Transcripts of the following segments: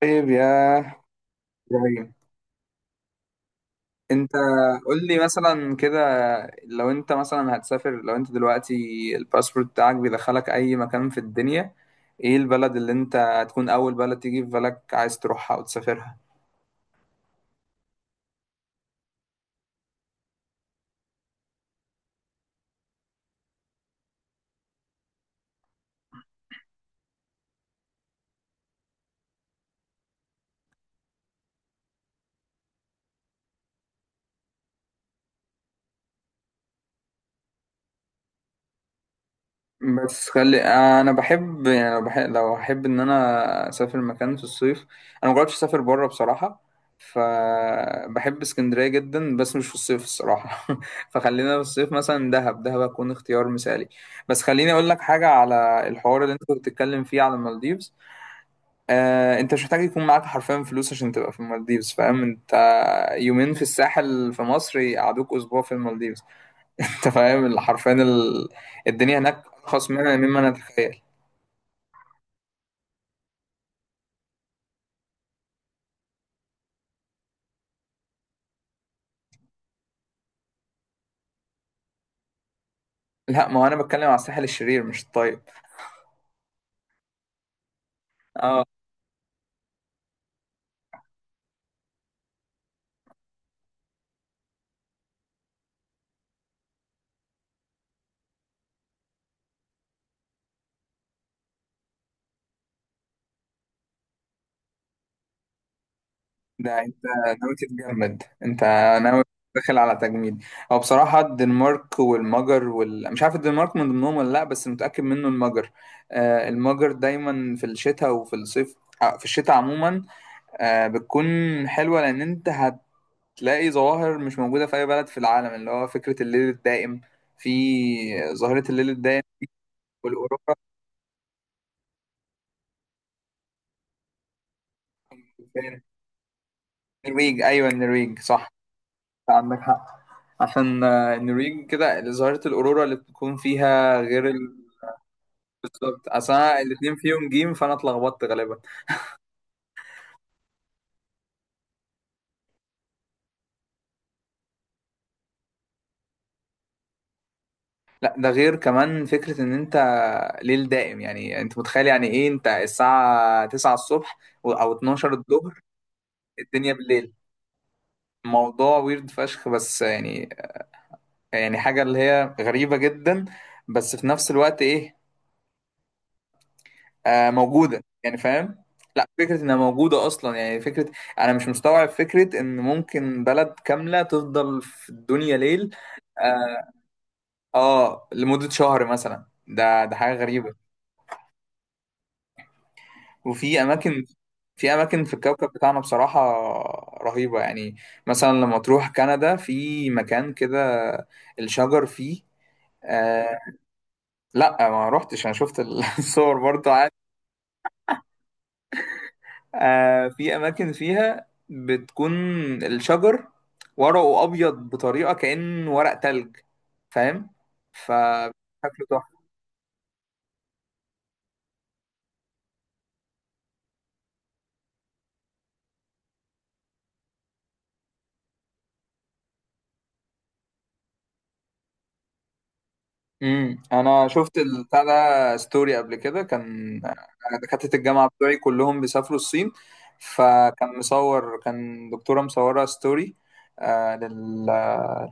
طيب يا إبراهيم، أنت قول لي مثلا كده، لو أنت مثلا هتسافر، لو أنت دلوقتي الباسبورت بتاعك بيدخلك أي مكان في الدنيا، إيه البلد اللي أنت هتكون أول بلد تيجي في بالك عايز تروحها وتسافرها؟ بس خلي انا بحب، يعني لو بحب، لو احب ان انا اسافر مكان في الصيف، انا مجربتش اسافر بره بصراحه. فبحب اسكندريه جدا بس مش في الصيف الصراحه. فخلينا في الصيف مثلا دهب هتكون اختيار مثالي. بس خليني اقول لك حاجه على الحوار اللي انت كنت بتتكلم فيه على المالديفز. انت مش محتاج يكون معاك حرفيا فلوس عشان تبقى في المالديفز، فاهم انت؟ يومين في الساحل في مصر يقعدوك اسبوع في المالديفز. انت فاهم اللي حرفيا الدنيا هناك ارخص منها مما نتخيل. لا، ما هو انا بتكلم على الساحل الشرير مش الطيب. اه، ده انت ناوي تتجمد انت، ناوي داخل على تجميد. هو بصراحة الدنمارك والمجر مش عارف الدنمارك من ضمنهم ولا لا، بس متأكد منه المجر. المجر دايما في الشتاء وفي الصيف، في الشتاء عموما بتكون حلوة لأن انت هتلاقي ظواهر مش موجودة في أي بلد في العالم، اللي هو فكرة الليل الدائم، في ظاهرة الليل الدائم. والاوروبا فين؟ النرويج، ايوه النرويج صح، عندك حق. عشان النرويج كده ظاهرة الأورورا اللي بتكون فيها غير بالظبط. أصل أنا الاتنين فيهم جيم فأنا اتلخبطت غالبا. لا ده غير كمان فكرة إن أنت ليل دائم، يعني أنت متخيل يعني إيه أنت الساعة 9 الصبح أو 12 الظهر الدنيا بالليل؟ موضوع ويرد فشخ بس، يعني يعني حاجة اللي هي غريبة جدا، بس في نفس الوقت إيه، موجوده يعني، فاهم؟ لا فكره انها موجوده اصلا يعني فكره، انا مش مستوعب فكره ان ممكن بلد كامله تفضل في الدنيا ليل. اه, لمده شهر مثلا، ده حاجه غريبه. وفي اماكن، في اماكن في الكوكب بتاعنا بصراحه رهيبه يعني. مثلا لما تروح كندا في مكان كده الشجر فيه آه لا ما روحتش، انا شفت الصور برضو. في اماكن فيها بتكون الشجر ورقه ابيض بطريقه كأن ورق تلج، فاهم؟ ف شكله تحفه. امم، انا شفت البتاع ده ستوري قبل كده، كان دكاتره الجامعه بتوعي كلهم بيسافروا الصين، فكان مصور، كان دكتوره مصوره ستوري آه لل...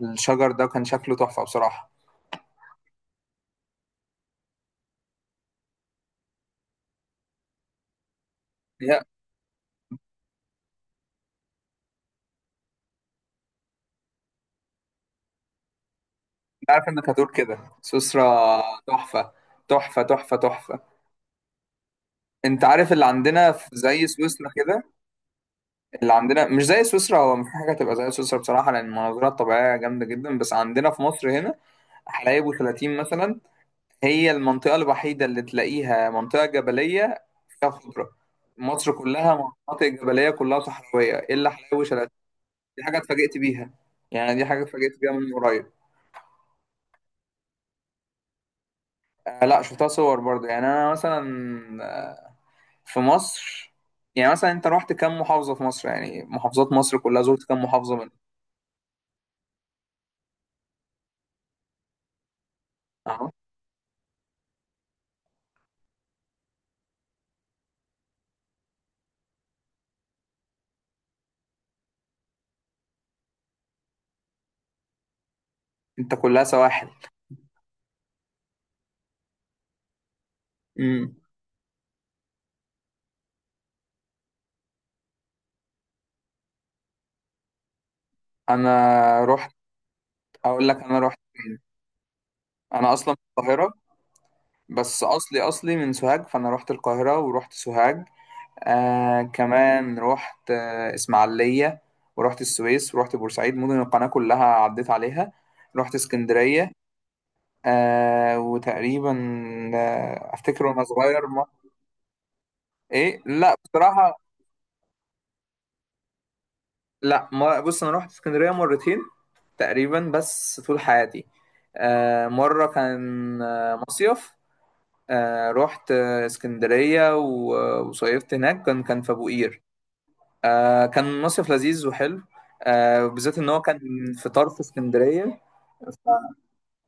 للشجر ده، وكان شكله تحفه بصراحه. يا انت عارف انك هتقول كده؟ سويسرا تحفه. انت عارف اللي عندنا في زي سويسرا كده؟ اللي عندنا مش زي سويسرا، هو مفيش حاجه تبقى زي سويسرا بصراحه لان المناظرة الطبيعيه جامده جدا، بس عندنا في مصر هنا حلايب و30 مثلا، هي المنطقه الوحيده اللي تلاقيها منطقه جبليه فيها خضره. مصر كلها مناطق جبليه، كلها صحراويه الا حلايب و30. دي حاجه اتفاجئت بيها، يعني دي حاجه اتفاجئت بيها من قريب. لا شفتها صور برضه. يعني انا مثلا آه، في مصر، يعني مثلا انت رحت كام محافظه في مصر؟ يعني محافظات مصر كلها زرت كام محافظه؟ اهو. انت كلها سواحل. امم، انا رحت، اقول لك انا رحت فين. انا اصلا من القاهره بس اصلي اصلي من سوهاج، فانا رحت القاهره ورحت سوهاج، كمان رحت اسماعيليه، ورحت السويس ورحت بورسعيد، مدن القناه كلها عديت عليها. رحت اسكندريه وتقريبا افتكر وانا صغير ما... ايه لا بصراحه. لا ما، بص انا رحت اسكندريه مرتين تقريبا بس طول حياتي. مره كان مصيف رحت اسكندريه وصيفت هناك، كان في ابو قير. كان مصيف لذيذ وحلو، بالذات ان هو كان في طرف اسكندريه.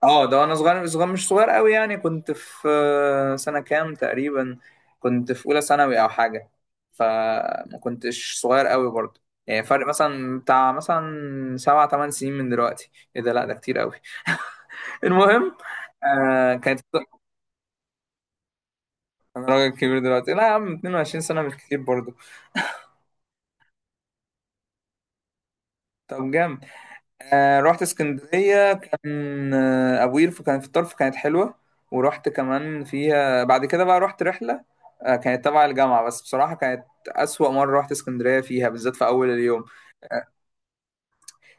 اه ده انا صغير، صغير مش صغير قوي يعني، كنت في سنة كام تقريبا، كنت في اولى ثانوي او حاجة. فما كنتش صغير قوي برضه، يعني فرق مثلا بتاع مثلا سبع تمن سنين من دلوقتي، ايه ده لا ده كتير قوي. المهم كانت. انا راجل كبير دلوقتي؟ لا يا عم، 22 سنة مش كتير برضه. طب جامد. رحت اسكندرية، كان أبو قير كان في الطرف، كانت حلوة. ورحت كمان فيها بعد كده، بقى رحت رحلة كانت تبع الجامعة، بس بصراحة كانت أسوأ مرة رحت اسكندرية فيها، بالذات في أول اليوم.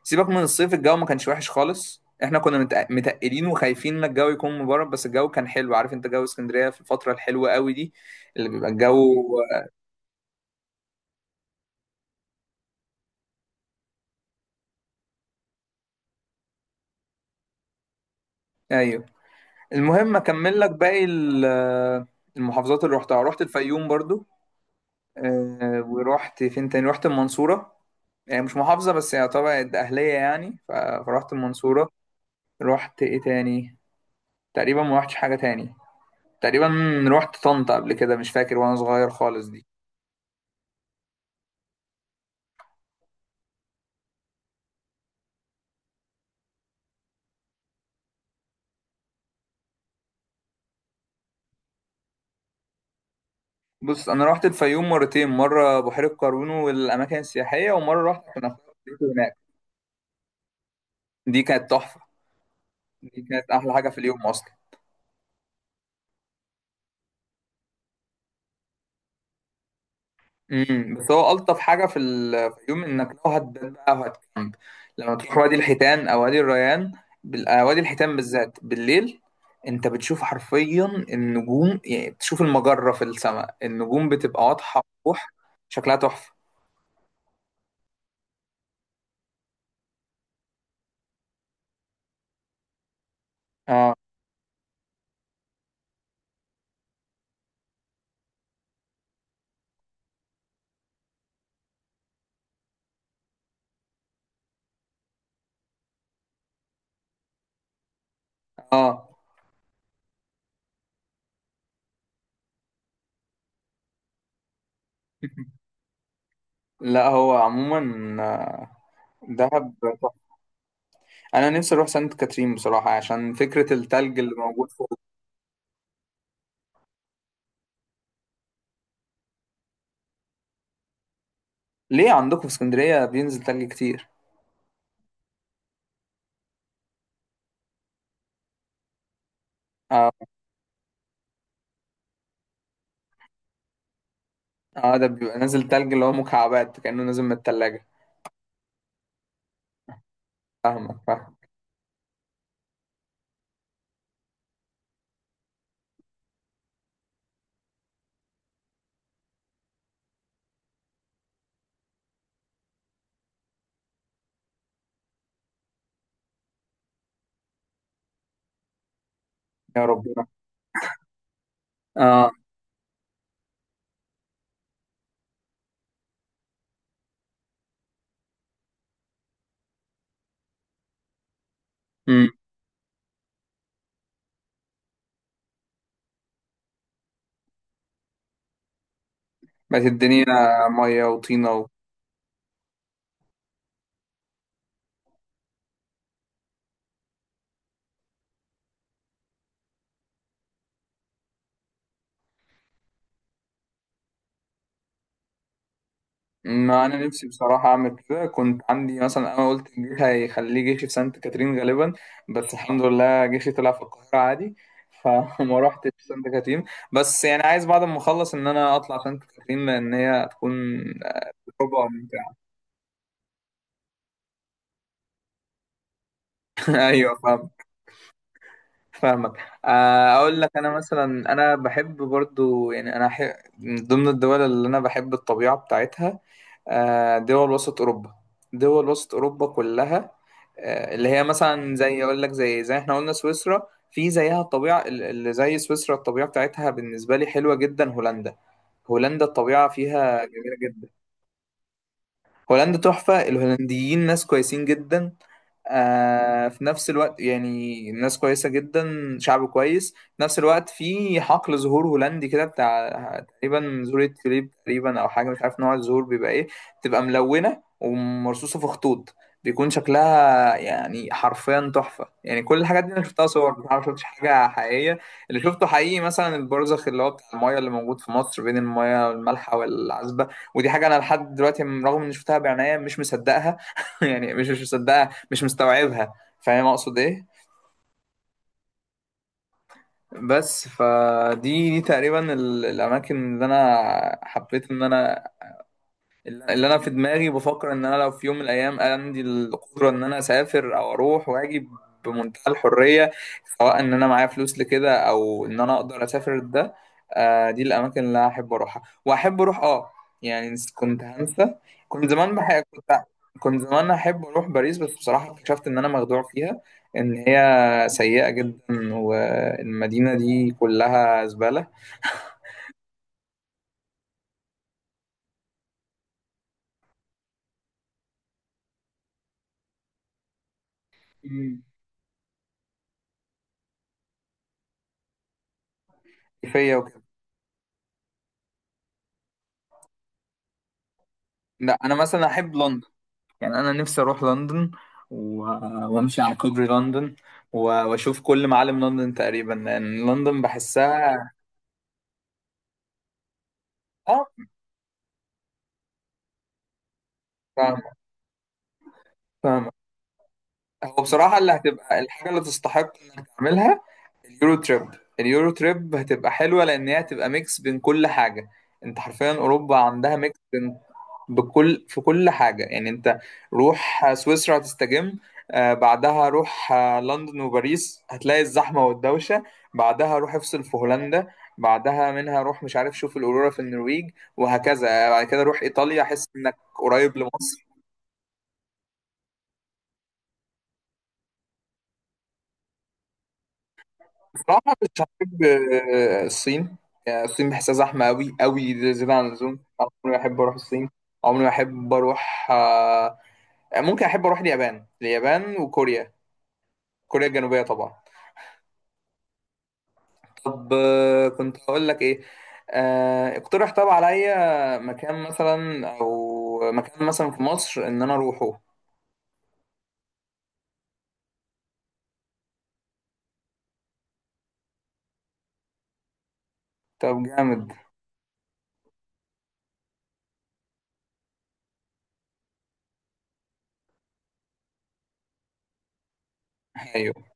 سيبك من الصيف، الجو ما كانش وحش خالص، احنا كنا متقلين وخايفين ان الجو يكون مبرد، بس الجو كان حلو، عارف انت جو اسكندرية في الفترة الحلوة قوي دي، اللي بيبقى الجو، ايوه. المهم اكمل لك باقي المحافظات اللي رحتها. رحت الفيوم برضو ورحت فين تاني، رحت المنصورة، يعني مش محافظة بس يعتبر ده أهلية يعني، فرحت المنصورة. رحت إيه تاني؟ تقريبا ما رحتش حاجة تاني تقريبا. رحت طنطا قبل كده مش فاكر وأنا صغير خالص دي. بص أنا رحت الفيوم مرتين، مرة بحيرة قارون والأماكن السياحية، ومرة رحت كان أخويا في هناك. دي كانت تحفة. دي كانت أحلى حاجة في اليوم أصلا. امم، بس هو الطف حاجه في الفيوم انك لو هتبات بقى وهتكامب لما تروح وادي الحيتان او وادي الريان، وادي الحيتان بالذات بالليل انت بتشوف حرفيا النجوم، يعني بتشوف المجره في السماء، النجوم بتبقى واضحه وضوح، شكلها تحفه. اه اه. لا هو عموما، دهب تحفة. انا نفسي اروح سانت كاترين بصراحه عشان فكره التلج اللي موجود فوق. ليه عندكم في اسكندريه بينزل تلج كتير؟ آه. اه ده بيبقى نازل تلج اللي هو مكعبات كأنه نازل من التلاجة. فاهمك، فاهم. يا ربنا. اه. امم. بقت الدنيا مية وطينة ما أنا نفسي بصراحة أعمل كده، كنت عندي مثلا أنا قلت الجيش هيخليه جيشي في سانت كاترين غالبا، بس الحمد لله جيشي طلع في القاهرة عادي. فما رحتش سانت كاترين. بس يعني عايز بعد ما أخلص إن أنا أطلع سانت كاترين لأن هي هتكون تجربة ممتعة. أيوه فاهمك. اقول لك انا مثلا، انا بحب برضو يعني من ضمن الدول اللي انا بحب الطبيعه بتاعتها دول وسط اوروبا، دول وسط اوروبا كلها اللي هي مثلا زي، اقول لك، زي احنا قلنا سويسرا في زيها الطبيعه اللي زي سويسرا الطبيعه بتاعتها بالنسبه لي حلوه جدا. هولندا، هولندا الطبيعه فيها جميله جدا. هولندا تحفه، الهولنديين ناس كويسين جدا، في نفس الوقت يعني الناس كويسة جدا، شعب كويس. في نفس الوقت في حقل زهور هولندي كده بتاع تقريبا زهورة توليب تقريبا أو حاجة، مش عارف نوع الزهور بيبقى إيه، بتبقى ملونة ومرصوصة في خطوط، بيكون شكلها يعني حرفيا تحفة. يعني كل الحاجات دي أنا شفتها صور بصراحة، ما شفتش حاجة حقيقية. اللي شفته حقيقي مثلا البرزخ، اللي هو بتاع المايه، اللي موجود في مصر بين المايه المالحة والعذبة، ودي حاجة أنا لحد دلوقتي رغم إني شفتها بعناية مش مصدقها. يعني مش مصدقها، مش مستوعبها، فاهم اقصد ايه؟ بس فدي، دي تقريبا الاماكن اللي انا حبيت ان انا، اللي انا في دماغي بفكر ان انا لو في يوم من الايام عندي القدره ان انا اسافر او اروح واجي بمنتهى الحريه، سواء ان انا معايا فلوس لكده او ان انا اقدر اسافر ده. دي الاماكن اللي أنا احب اروحها واحب اروح، اه يعني كنت هنسى. كنت زمان بحب، كنت، كنت زمان احب اروح باريس، بس بصراحه اكتشفت ان انا مخدوع فيها، ان هي سيئه جدا والمدينه دي كلها زباله. مم. فيا وكده. لا انا مثلا احب لندن، يعني انا نفسي اروح لندن و... وامشي على كوبري لندن واشوف كل معالم لندن تقريبا، لان لندن بحسها، اه فاهم، فاهم. هو بصراحة اللي هتبقى الحاجة اللي تستحق انك تعملها اليورو تريب. اليورو تريب هتبقى حلوه لان هي هتبقى ميكس بين كل حاجه. انت حرفيا اوروبا عندها ميكس بين، بكل، في كل حاجه. يعني انت روح سويسرا هتستجم، بعدها روح لندن وباريس هتلاقي الزحمه والدوشه، بعدها روح افصل في هولندا، بعدها منها روح، مش عارف، شوف الاورورا في النرويج، وهكذا، بعد كده روح ايطاليا احس انك قريب لمصر. بصراحة مش هحب الصين، يعني الصين بحسها زحمة، أوي زيادة عن اللزوم. أنا عمري ما أحب أروح الصين، عمري ما أحب أروح ممكن أحب أروح اليابان، وكوريا، كوريا الجنوبية طبعا. طب كنت هقول لك إيه، اقترح طب عليا مكان مثلا أو مكان مثلا في مصر إن أنا أروحه. طب جامد. أيوه.